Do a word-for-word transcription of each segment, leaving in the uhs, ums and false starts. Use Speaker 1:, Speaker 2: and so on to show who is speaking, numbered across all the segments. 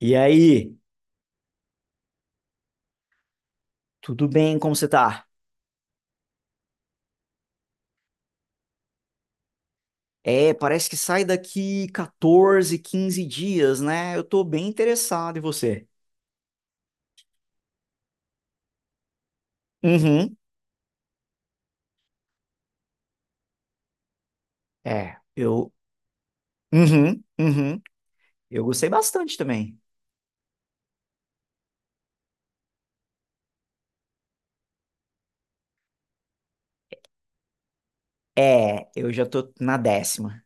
Speaker 1: E aí, tudo bem? Como você tá? É, parece que sai daqui quatorze, quinze dias, né? Eu tô bem interessado em você. Uhum. É, eu. Uhum, uhum. Eu gostei bastante também. É, eu já tô na décima.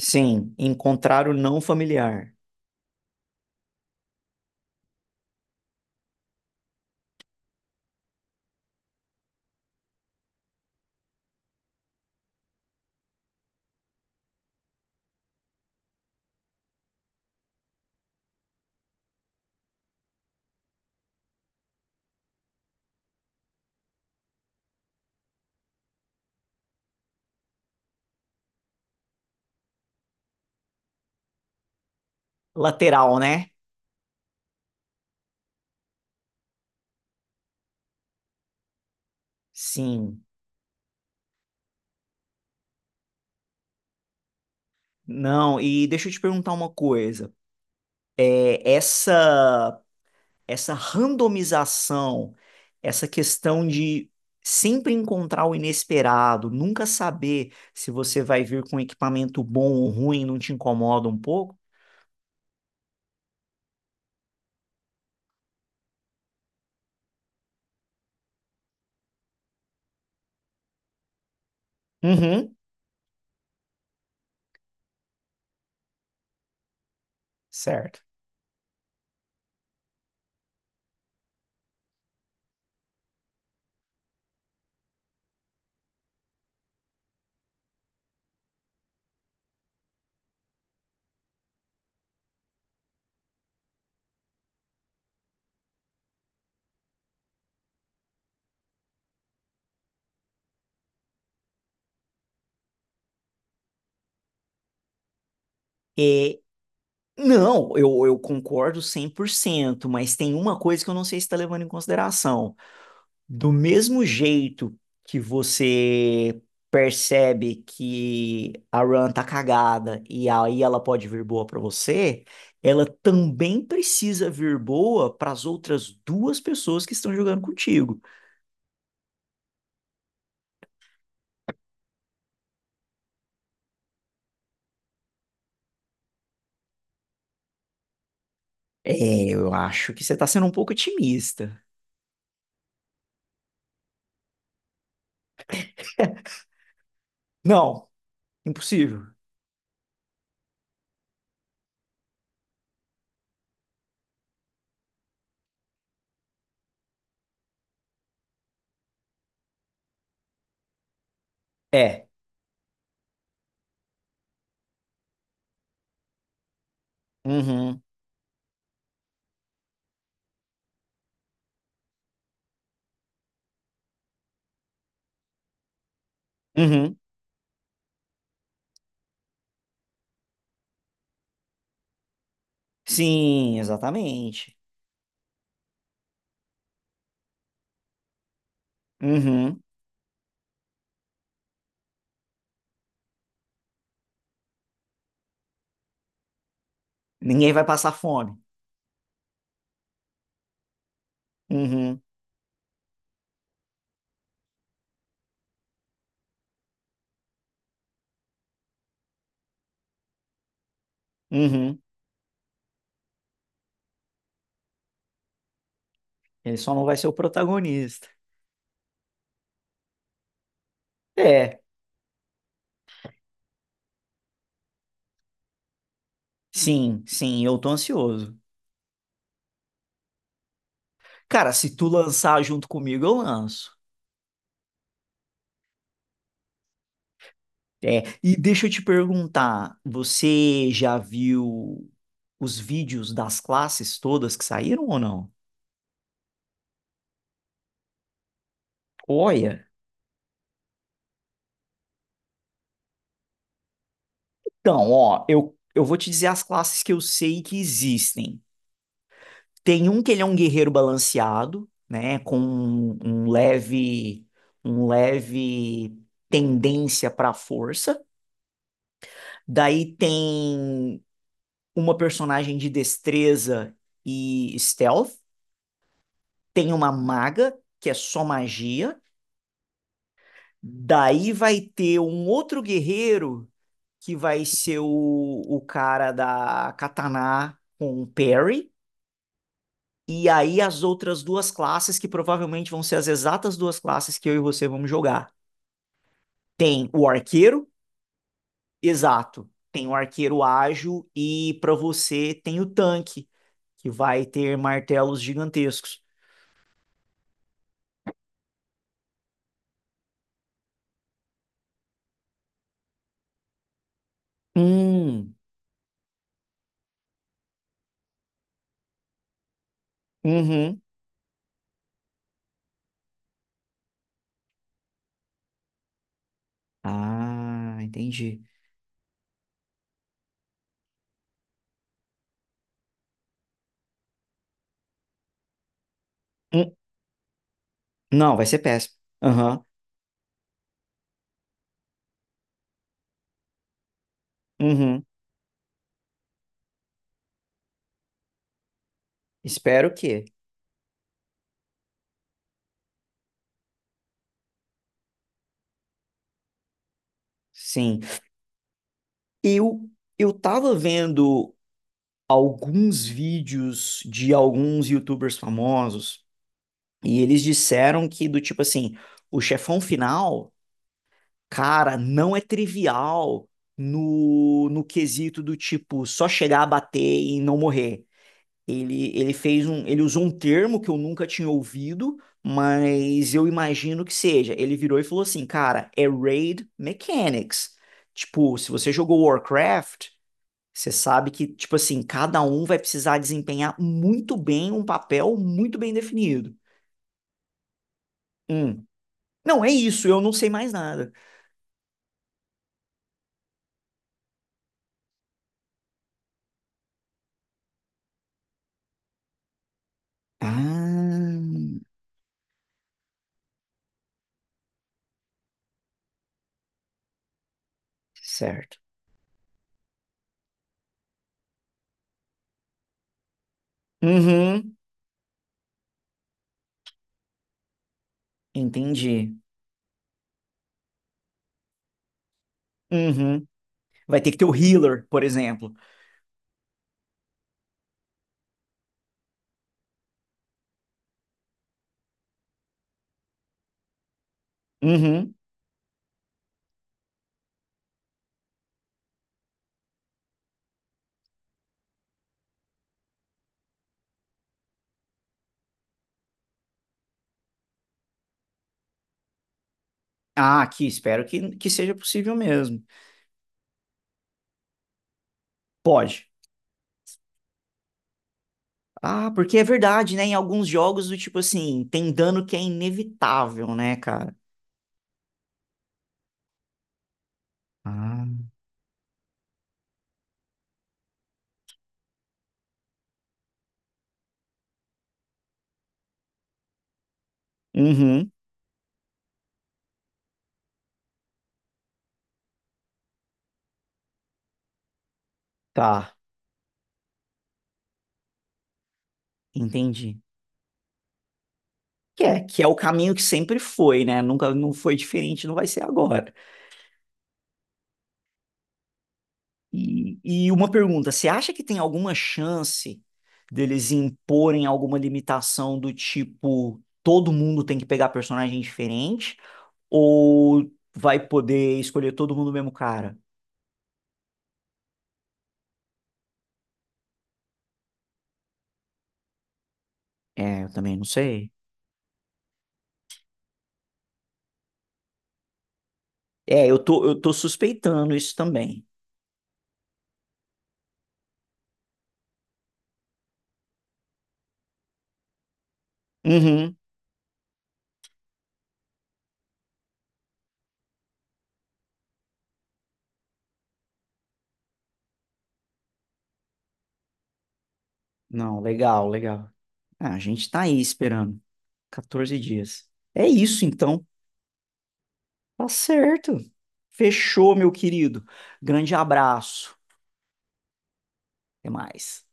Speaker 1: Sim, encontrar o não familiar. Lateral, né? Sim. Não, e deixa eu te perguntar uma coisa. É, essa essa randomização, essa questão de sempre encontrar o inesperado, nunca saber se você vai vir com equipamento bom ou ruim, não te incomoda um pouco? Uhum, certo. É, não, eu, eu concordo cem por cento, mas tem uma coisa que eu não sei se está levando em consideração. Do mesmo jeito que você percebe que a run tá cagada e aí ela pode vir boa pra você, ela também precisa vir boa para as outras duas pessoas que estão jogando contigo. É, eu acho que você tá sendo um pouco otimista. Não, impossível. É. Uhum. Uhum. Sim, exatamente. Uhum. Ninguém vai passar fome. Uhum. Uhum. Ele só não vai ser o protagonista. É. Sim, sim, eu tô ansioso. Cara, se tu lançar junto comigo, eu lanço. É, e deixa eu te perguntar, você já viu os vídeos das classes todas que saíram ou não? Olha, então, ó, eu, eu vou te dizer as classes que eu sei que existem. Tem um que ele é um guerreiro balanceado, né, com um, um leve, um leve tendência para força. Daí tem uma personagem de destreza e stealth, tem uma maga, que é só magia, daí vai ter um outro guerreiro, que vai ser o, o cara da katana com o parry, e aí as outras duas classes, que provavelmente vão ser as exatas duas classes que eu e você vamos jogar. Tem o arqueiro, exato. Tem o arqueiro ágil e para você tem o tanque, que vai ter martelos gigantescos. Hum. Uhum. Ah, entendi. Hum. Não, vai ser péssimo. Aham. Uhum. Espero que. Sim. Eu, eu tava vendo alguns vídeos de alguns YouTubers famosos e eles disseram que, do tipo assim, o chefão final, cara, não é trivial no, no quesito do tipo só chegar a bater e não morrer. Ele, ele fez um, ele usou um termo que eu nunca tinha ouvido, mas eu imagino que seja. Ele virou e falou assim, cara, é raid mechanics. Tipo, se você jogou Warcraft, você sabe que, tipo assim, cada um vai precisar desempenhar muito bem um papel muito bem definido. Hum. Não, é isso, eu não sei mais nada. Ah, certo. Uhum, entendi. Uhum. Vai ter que ter o healer, por exemplo. Uhum. Ah, aqui, espero que, que seja possível mesmo. Pode. Ah, porque é verdade, né? Em alguns jogos do tipo assim, tem dano que é inevitável, né, cara? Ah. Uhum, tá, entendi. Que é, que é o caminho que sempre foi, né? Nunca não foi diferente, não vai ser agora. E, e uma pergunta, você acha que tem alguma chance deles imporem alguma limitação do tipo todo mundo tem que pegar personagem diferente? Ou vai poder escolher todo mundo o mesmo cara? É, eu também não sei. É, eu tô, eu tô suspeitando isso também. Uhum. Não, legal, legal. Ah, a gente tá aí esperando. quatorze dias. É isso, então. Tá certo. Fechou, meu querido. Grande abraço. Até mais.